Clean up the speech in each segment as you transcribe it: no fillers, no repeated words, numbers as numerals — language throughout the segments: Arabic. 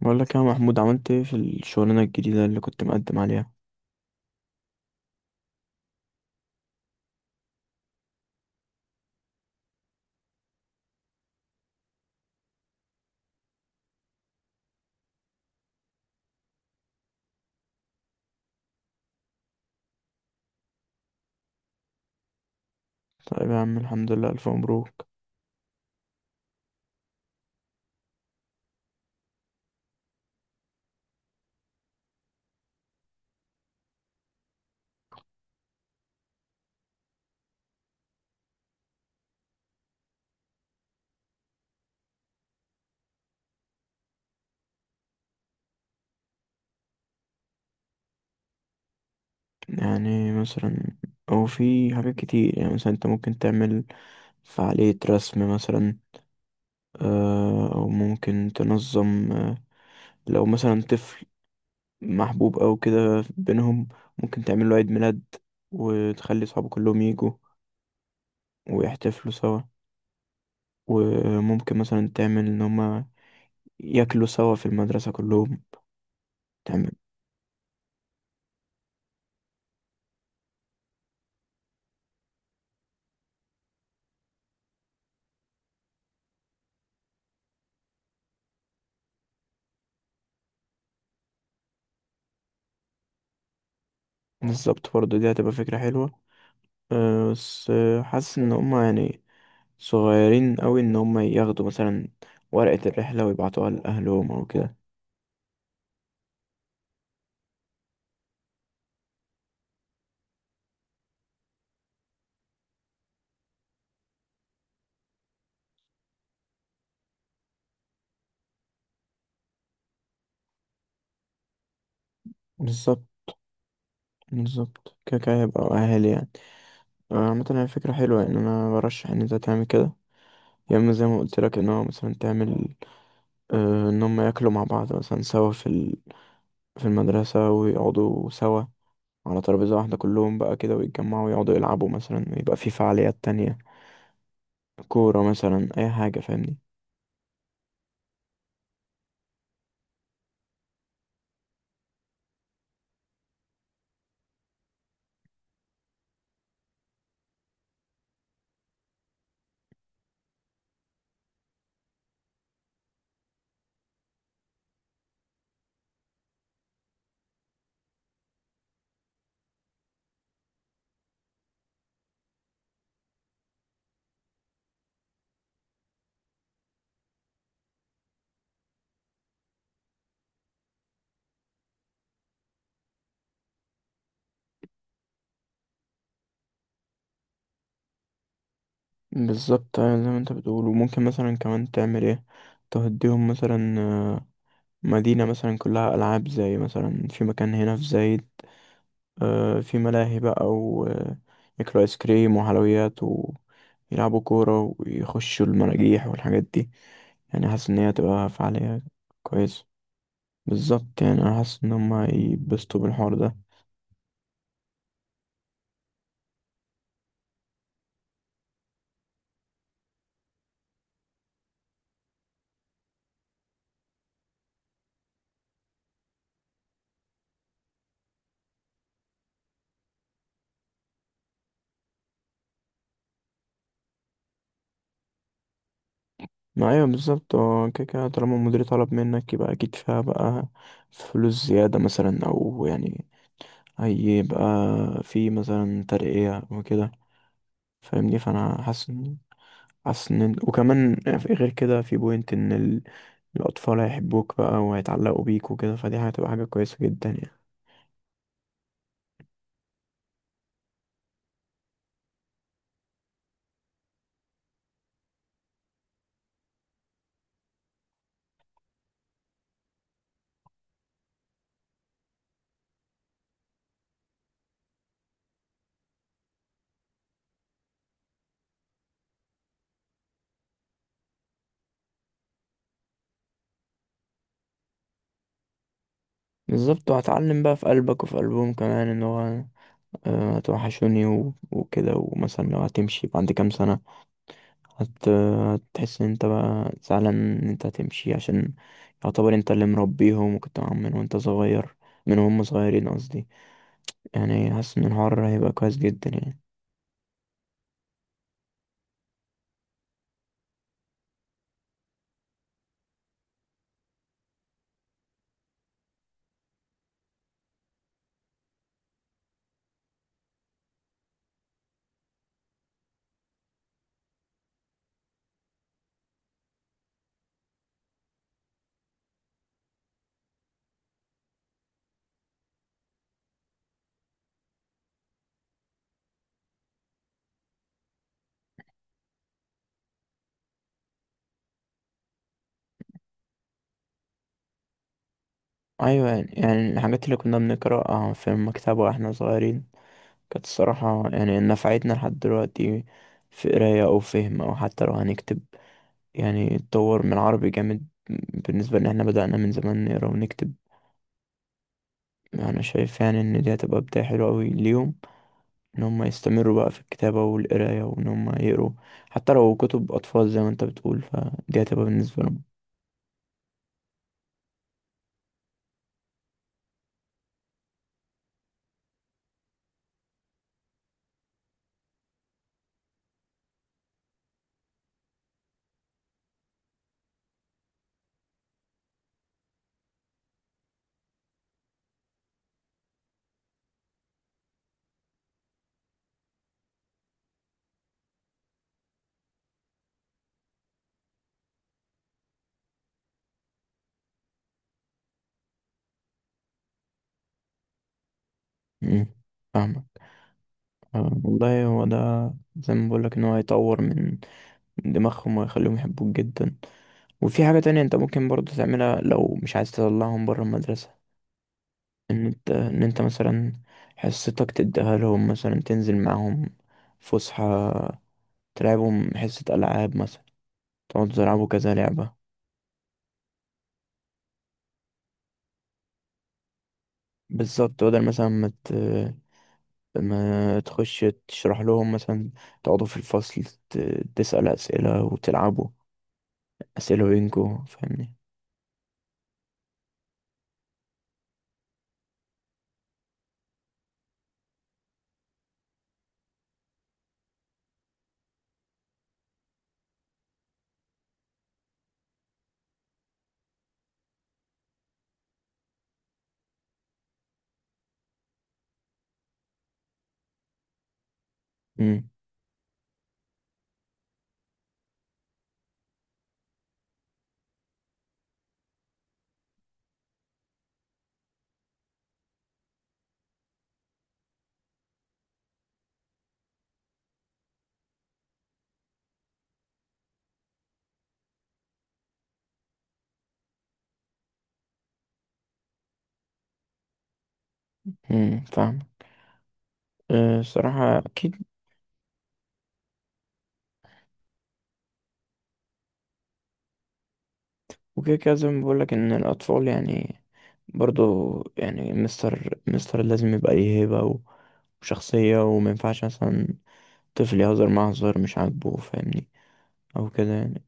بقول لك يا محمود، عملت ايه في الشغلانة الجديدة اللي كنت مقدم عليها؟ طيب يا عم، الحمد لله، ألف مبروك. يعني مثلا، أو في حاجات كتير. يعني مثلا انت ممكن تعمل فعالية رسم مثلا. أو ممكن تنظم لو مثلا طفل محبوب أو كده بينهم، ممكن تعمل له عيد ميلاد وتخلي صحابه كلهم يجوا ويحتفلوا سوا. وممكن مثلا تعمل إن هما ياكلوا سوا في المدرسة كلهم. بالظبط، برضه دي هتبقى فكرة حلوة. أه بس حاسس ان هما يعني صغيرين قوي ان هما ياخدوا مثلا ورقة الرحلة ويبعتوها لأهلهم او كده. بالظبط. بالظبط كده كده هيبقى اهالي يعني. عامة هي فكرة حلوة، يعني انا برشح ان انت تعمل كده. يا اما زي ما قلت لك ان هو مثلا تعمل أه ان هما ياكلوا مع بعض مثلا سوا في المدرسة ويقعدوا سوا على ترابيزة واحدة كلهم بقى كده ويتجمعوا ويقعدوا يلعبوا مثلا ويبقى في فعاليات تانية، كورة مثلا أي حاجة، فاهمني؟ بالظبط، أيوة زي ما انت بتقول. وممكن مثلا كمان تعمل ايه، تهديهم مثلا مدينة مثلا كلها ألعاب، زي مثلا في مكان هنا في زايد، في ملاهي بقى، وياكلوا آيس كريم وحلويات ويلعبوا كورة ويخشوا المراجيح والحاجات دي. يعني حاسس إن هي هتبقى فعالية كويسة. بالظبط، يعني أنا حاسس إن هما هيتبسطوا بالحوار ده. ما أيوة بالظبط، هو كده كده طالما المدير طلب منك يبقى أكيد فيها بقى فلوس زيادة مثلا، أو يعني هيبقى في مثلا ترقية وكده، فاهمني؟ فأنا حاسس إن وكمان غير كده في بوينت الأطفال هيحبوك بقى وهيتعلقوا بيك وكده، فدي هتبقى حاجة كويسة جدا يعني. بالظبط. وهتعلم بقى في قلبك وفي قلبهم كمان إن هو هتوحشوني وكده، ومثلا لو هتمشي بعد كام سنة هتحس إن أنت بقى زعلان إن أنت هتمشي، عشان يعتبر أنت اللي مربيهم وكنت معاهم من وأنت صغير. من هم صغيرين قصدي. يعني حاسس ان الحوار هيبقى كويس جدا يعني. ايوه، يعني الحاجات اللي كنا بنقراها في المكتبة واحنا صغيرين كانت الصراحة يعني نفعتنا لحد دلوقتي في قراية او فهم او حتى لو هنكتب. يعني اتطور من العربي جامد بالنسبة ان احنا بدأنا من زمان نقرا ونكتب. انا شايف يعني ان دي هتبقى بداية حلوة اوي ليهم، ان هم يستمروا بقى في الكتابة والقراية وان هم يقروا حتى لو كتب اطفال زي ما انت بتقول، فدي هتبقى بالنسبة لهم. مم. فاهمك. والله هو ده زي ما بقولك ان هو هيطور من دماغهم ويخليهم يحبوك جدا. وفي حاجة تانية انت ممكن برضو تعملها لو مش عايز تطلعهم برا المدرسة. ان انت مثلا حصتك تديها لهم، مثلا تنزل معاهم فسحة، تلعبهم حصة ألعاب مثلا، تقعدوا تلعبوا كذا لعبة. بالظبط، بدل مثلا ما تخش تشرح لهم مثلا، تقعدوا في الفصل، ت... تسأل أسئلة وتلعبوا أسئلة بينكوا، فاهمني؟ فاهم. أه، صراحة أكيد. وكده كده زي ما بقولك إن الأطفال يعني برضو يعني مستر لازم يبقى ليه هيبة وشخصية، ومينفعش مثلا طفل يهزر معاه هزار مش عاجبه، فاهمني؟ أو كده يعني،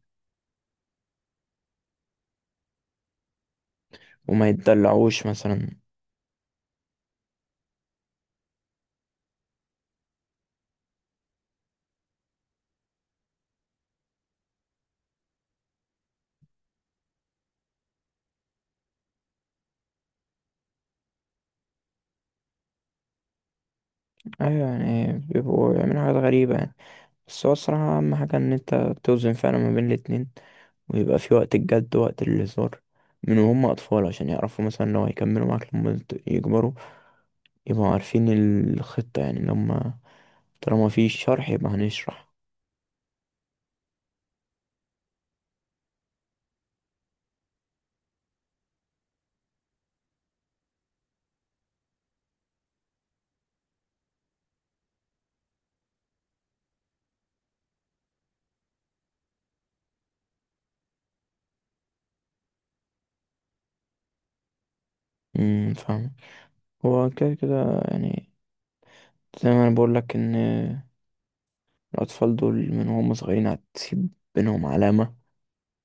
وما يتدلعوش مثلا. أيوة، يعني بيبقوا يعملوا حاجات غريبة يعني. بس هو الصراحة أهم حاجة إن أنت توزن فعلا ما بين الاتنين، ويبقى في وقت الجد ووقت الهزار من وهم أطفال عشان يعرفوا مثلا لو هيكملوا معاك لما يكبروا يبقوا عارفين الخطة، يعني لما طالما في شرح يبقى هنشرح. فاهم. هو كده كده يعني زي ما انا بقول لك ان الاطفال دول من هم صغيرين هتسيب بينهم علامة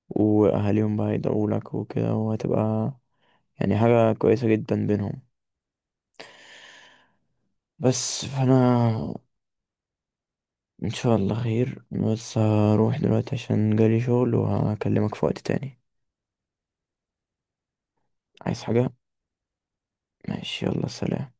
واهاليهم بقى يدعوا لك وكده، وهتبقى يعني حاجة كويسة جدا بينهم. بس فانا ان شاء الله خير، بس هروح دلوقتي عشان جالي شغل وهكلمك في وقت تاني. عايز حاجة؟ ماشي، يلا سلام.